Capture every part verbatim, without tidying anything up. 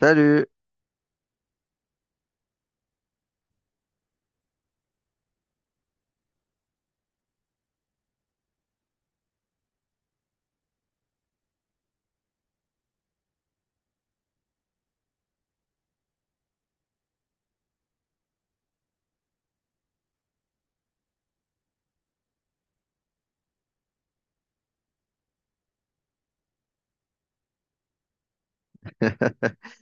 Salut.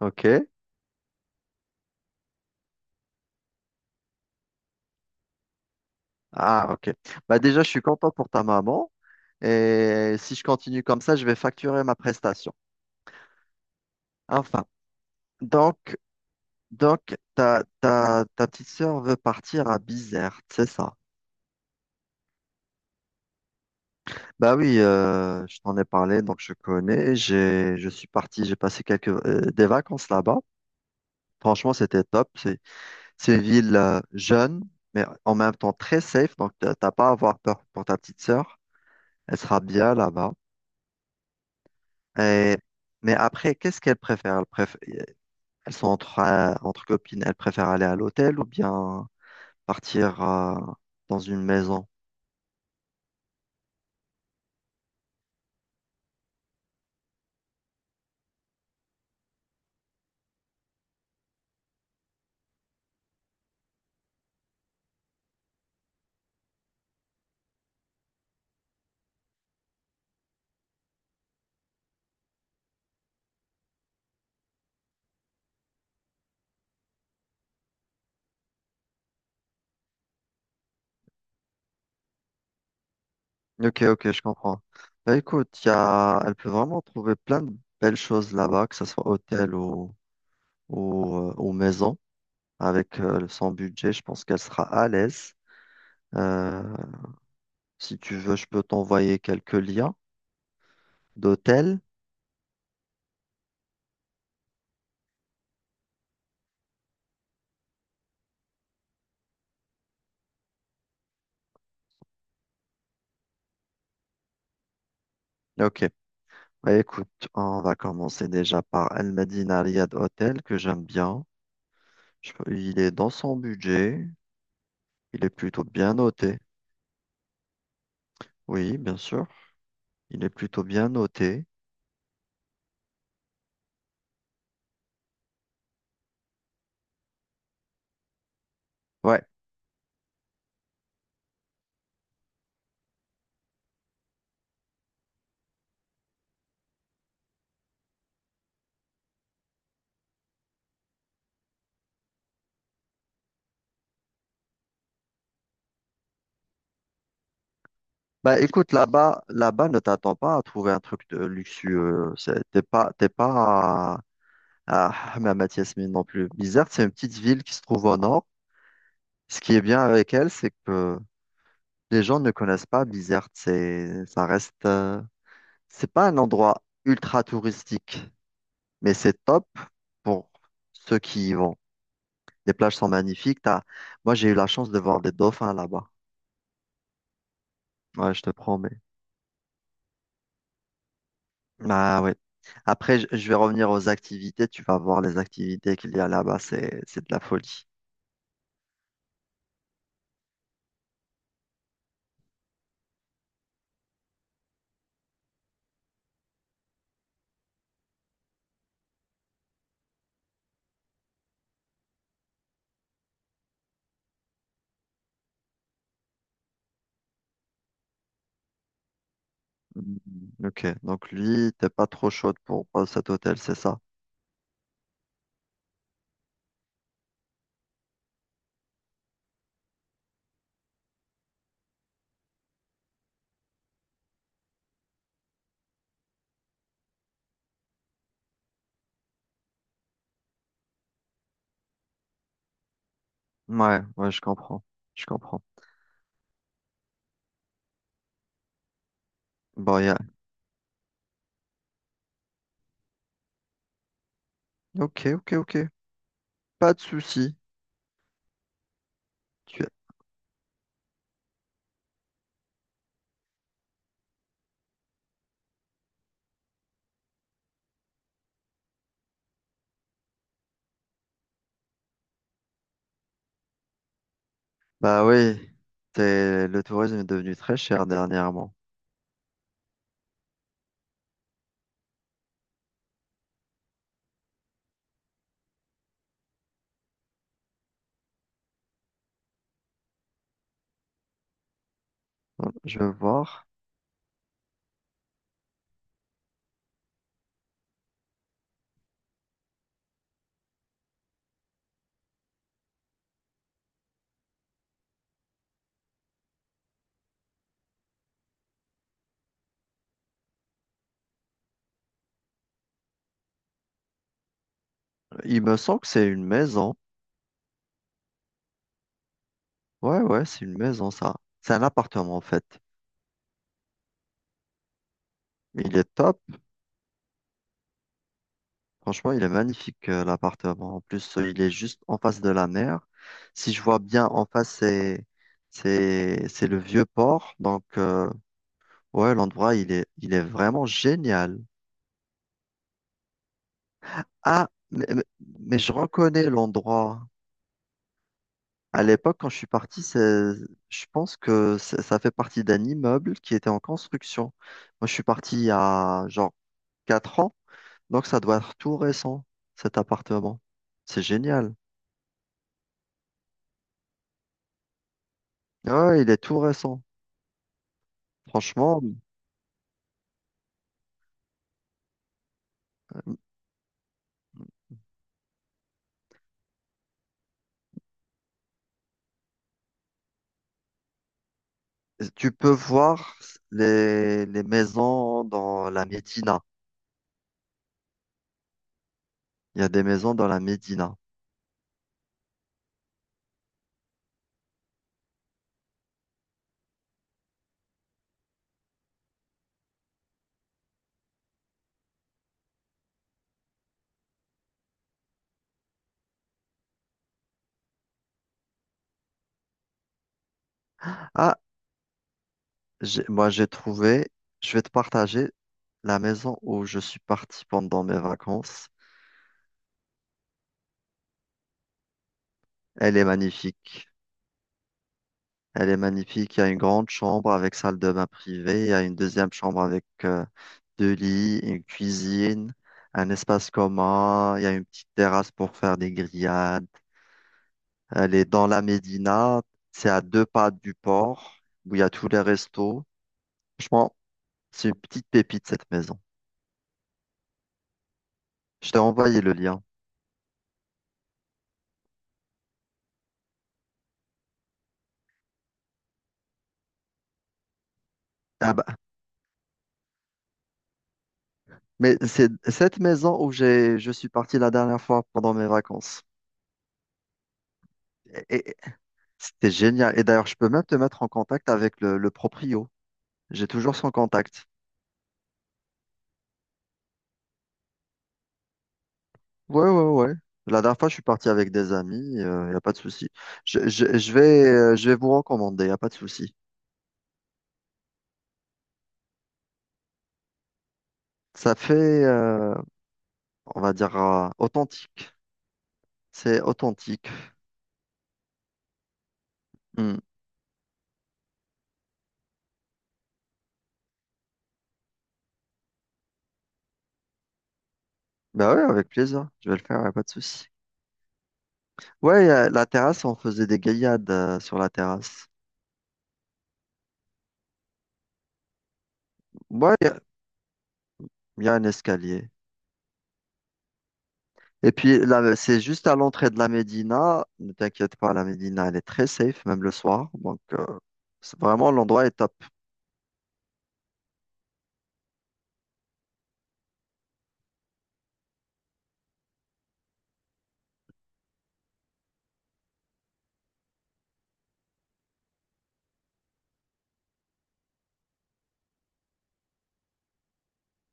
Ok. Ah, ok. Bah déjà, je suis content pour ta maman. Et si je continue comme ça, je vais facturer ma prestation. Enfin, donc, donc ta, ta, ta petite sœur veut partir à Bizerte, c'est ça? Bah oui, euh, je t'en ai parlé, donc je connais. J'ai, je suis parti, j'ai passé quelques euh, des vacances là-bas. Franchement, c'était top. C'est, c'est une ville euh, jeune, mais en même temps très safe. Donc, t'as t'as pas à avoir peur pour ta petite sœur. Elle sera bien là-bas. Et- mais après, qu'est-ce qu'elles préfèrent? Elles, préf- elles sont entre, euh, entre copines, elles préfèrent aller à l'hôtel ou bien partir euh, dans une maison? Ok, ok, je comprends. Bah, écoute, y a... elle peut vraiment trouver plein de belles choses là-bas, que ce soit hôtel ou, ou, euh, ou maison. Avec euh, son budget, je pense qu'elle sera à l'aise. Euh, Si tu veux, je peux t'envoyer quelques liens d'hôtels. Ok, bah, écoute, on va commencer déjà par El Medina Riad Hotel, que j'aime bien. Je peux- Il est dans son budget. Il est plutôt bien noté. Oui, bien sûr. Il est plutôt bien noté. Ouais. Bah écoute, là-bas, là-bas, ne t'attends pas à trouver un truc de luxueux. C'est- T'es pas, t'es pas à, à Hammamet Yasmine non plus. Bizerte, c'est une petite ville qui se trouve au nord. Ce qui est bien avec elle, c'est que les gens ne connaissent pas Bizerte. C'est, ça reste, euh, c'est pas un endroit ultra touristique, mais c'est top pour ceux qui y vont. Les plages sont magnifiques. T'as... Moi, j'ai eu la chance de voir des dauphins là-bas. Ouais, je te promets. Bah ouais. Après, je je vais revenir aux activités. Tu vas voir les activités qu'il y a là-bas. C'est, c'est de la folie. Mm, ok. Donc lui, t'es pas trop chaude pour euh, cet hôtel, c'est ça? Ouais, ouais, je comprends. Je comprends. Bon, y a- Ok, ok, ok. Pas de souci. Tu... Bah oui. C'est... Le tourisme est devenu très cher dernièrement. Je vais voir. Il me semble que c'est une maison. Ouais, ouais, c'est une maison, ça. C'est un appartement, en fait. Il est top. Franchement, il est magnifique, euh, l'appartement. En plus, euh, il est juste en face de la mer. Si je vois bien, en face, c'est, c'est, c'est le vieux port. Donc, euh, ouais, l'endroit, il est, il est vraiment génial. Ah, mais, mais- mais je reconnais l'endroit. À l'époque, quand je suis parti, c'est, je pense que c'est- ça fait partie d'un immeuble qui était en construction. Moi, je suis parti il y a genre quatre ans. Donc ça doit être tout récent, cet appartement. C'est génial. Ah ouais, il est tout récent. Franchement, tu peux voir les, les maisons dans la Médina. Il y a des maisons dans la Médina. Ah, j'ai- Moi j'ai trouvé, je vais te partager la maison où je suis parti pendant mes vacances. Elle est magnifique. Elle est magnifique. Il y a une grande chambre avec salle de bain privée. Il y a une deuxième chambre avec euh, deux lits, une cuisine, un espace commun, il y a une petite terrasse pour faire des grillades. Elle est dans la Médina, c'est à deux pas du port, où il y a tous les restos. Franchement, c'est une petite pépite cette maison. Je t'ai envoyé le lien. Ah bah, mais c'est cette maison où j'ai, je suis parti la dernière fois pendant mes vacances. Et, et- C'était génial. Et d'ailleurs, je peux même te mettre en contact avec le, le proprio. J'ai toujours son contact. Ouais, ouais, ouais. La dernière fois, je suis parti avec des amis, il n'y a pas de souci. Je, je, je vais, euh, je vais vous recommander, il n'y a pas de souci. Ça fait, euh, on va dire, euh, authentique. C'est authentique. Hmm. Bah ouais, avec plaisir, je vais le faire, il n'y a pas de souci. Ouais, euh, la terrasse, on faisait des gaillades euh, sur la terrasse. Ouais, il y, a y a un escalier. Et puis là, c'est juste à l'entrée de la Médina. Ne t'inquiète pas, la Médina, elle est très safe, même le soir. Donc, euh, c'est vraiment, l'endroit est top.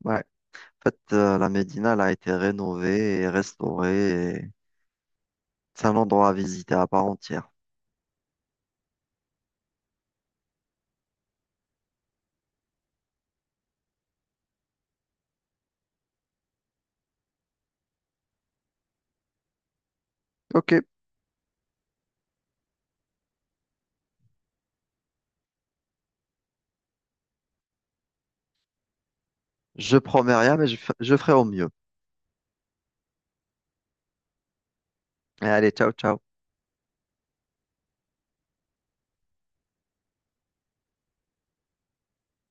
Ouais. En fait, euh, la Médina, elle a été rénovée et restaurée. Et c'est un endroit à visiter à part entière. Ok, je promets rien, mais je, f- je ferai au mieux. Et allez, ciao, ciao.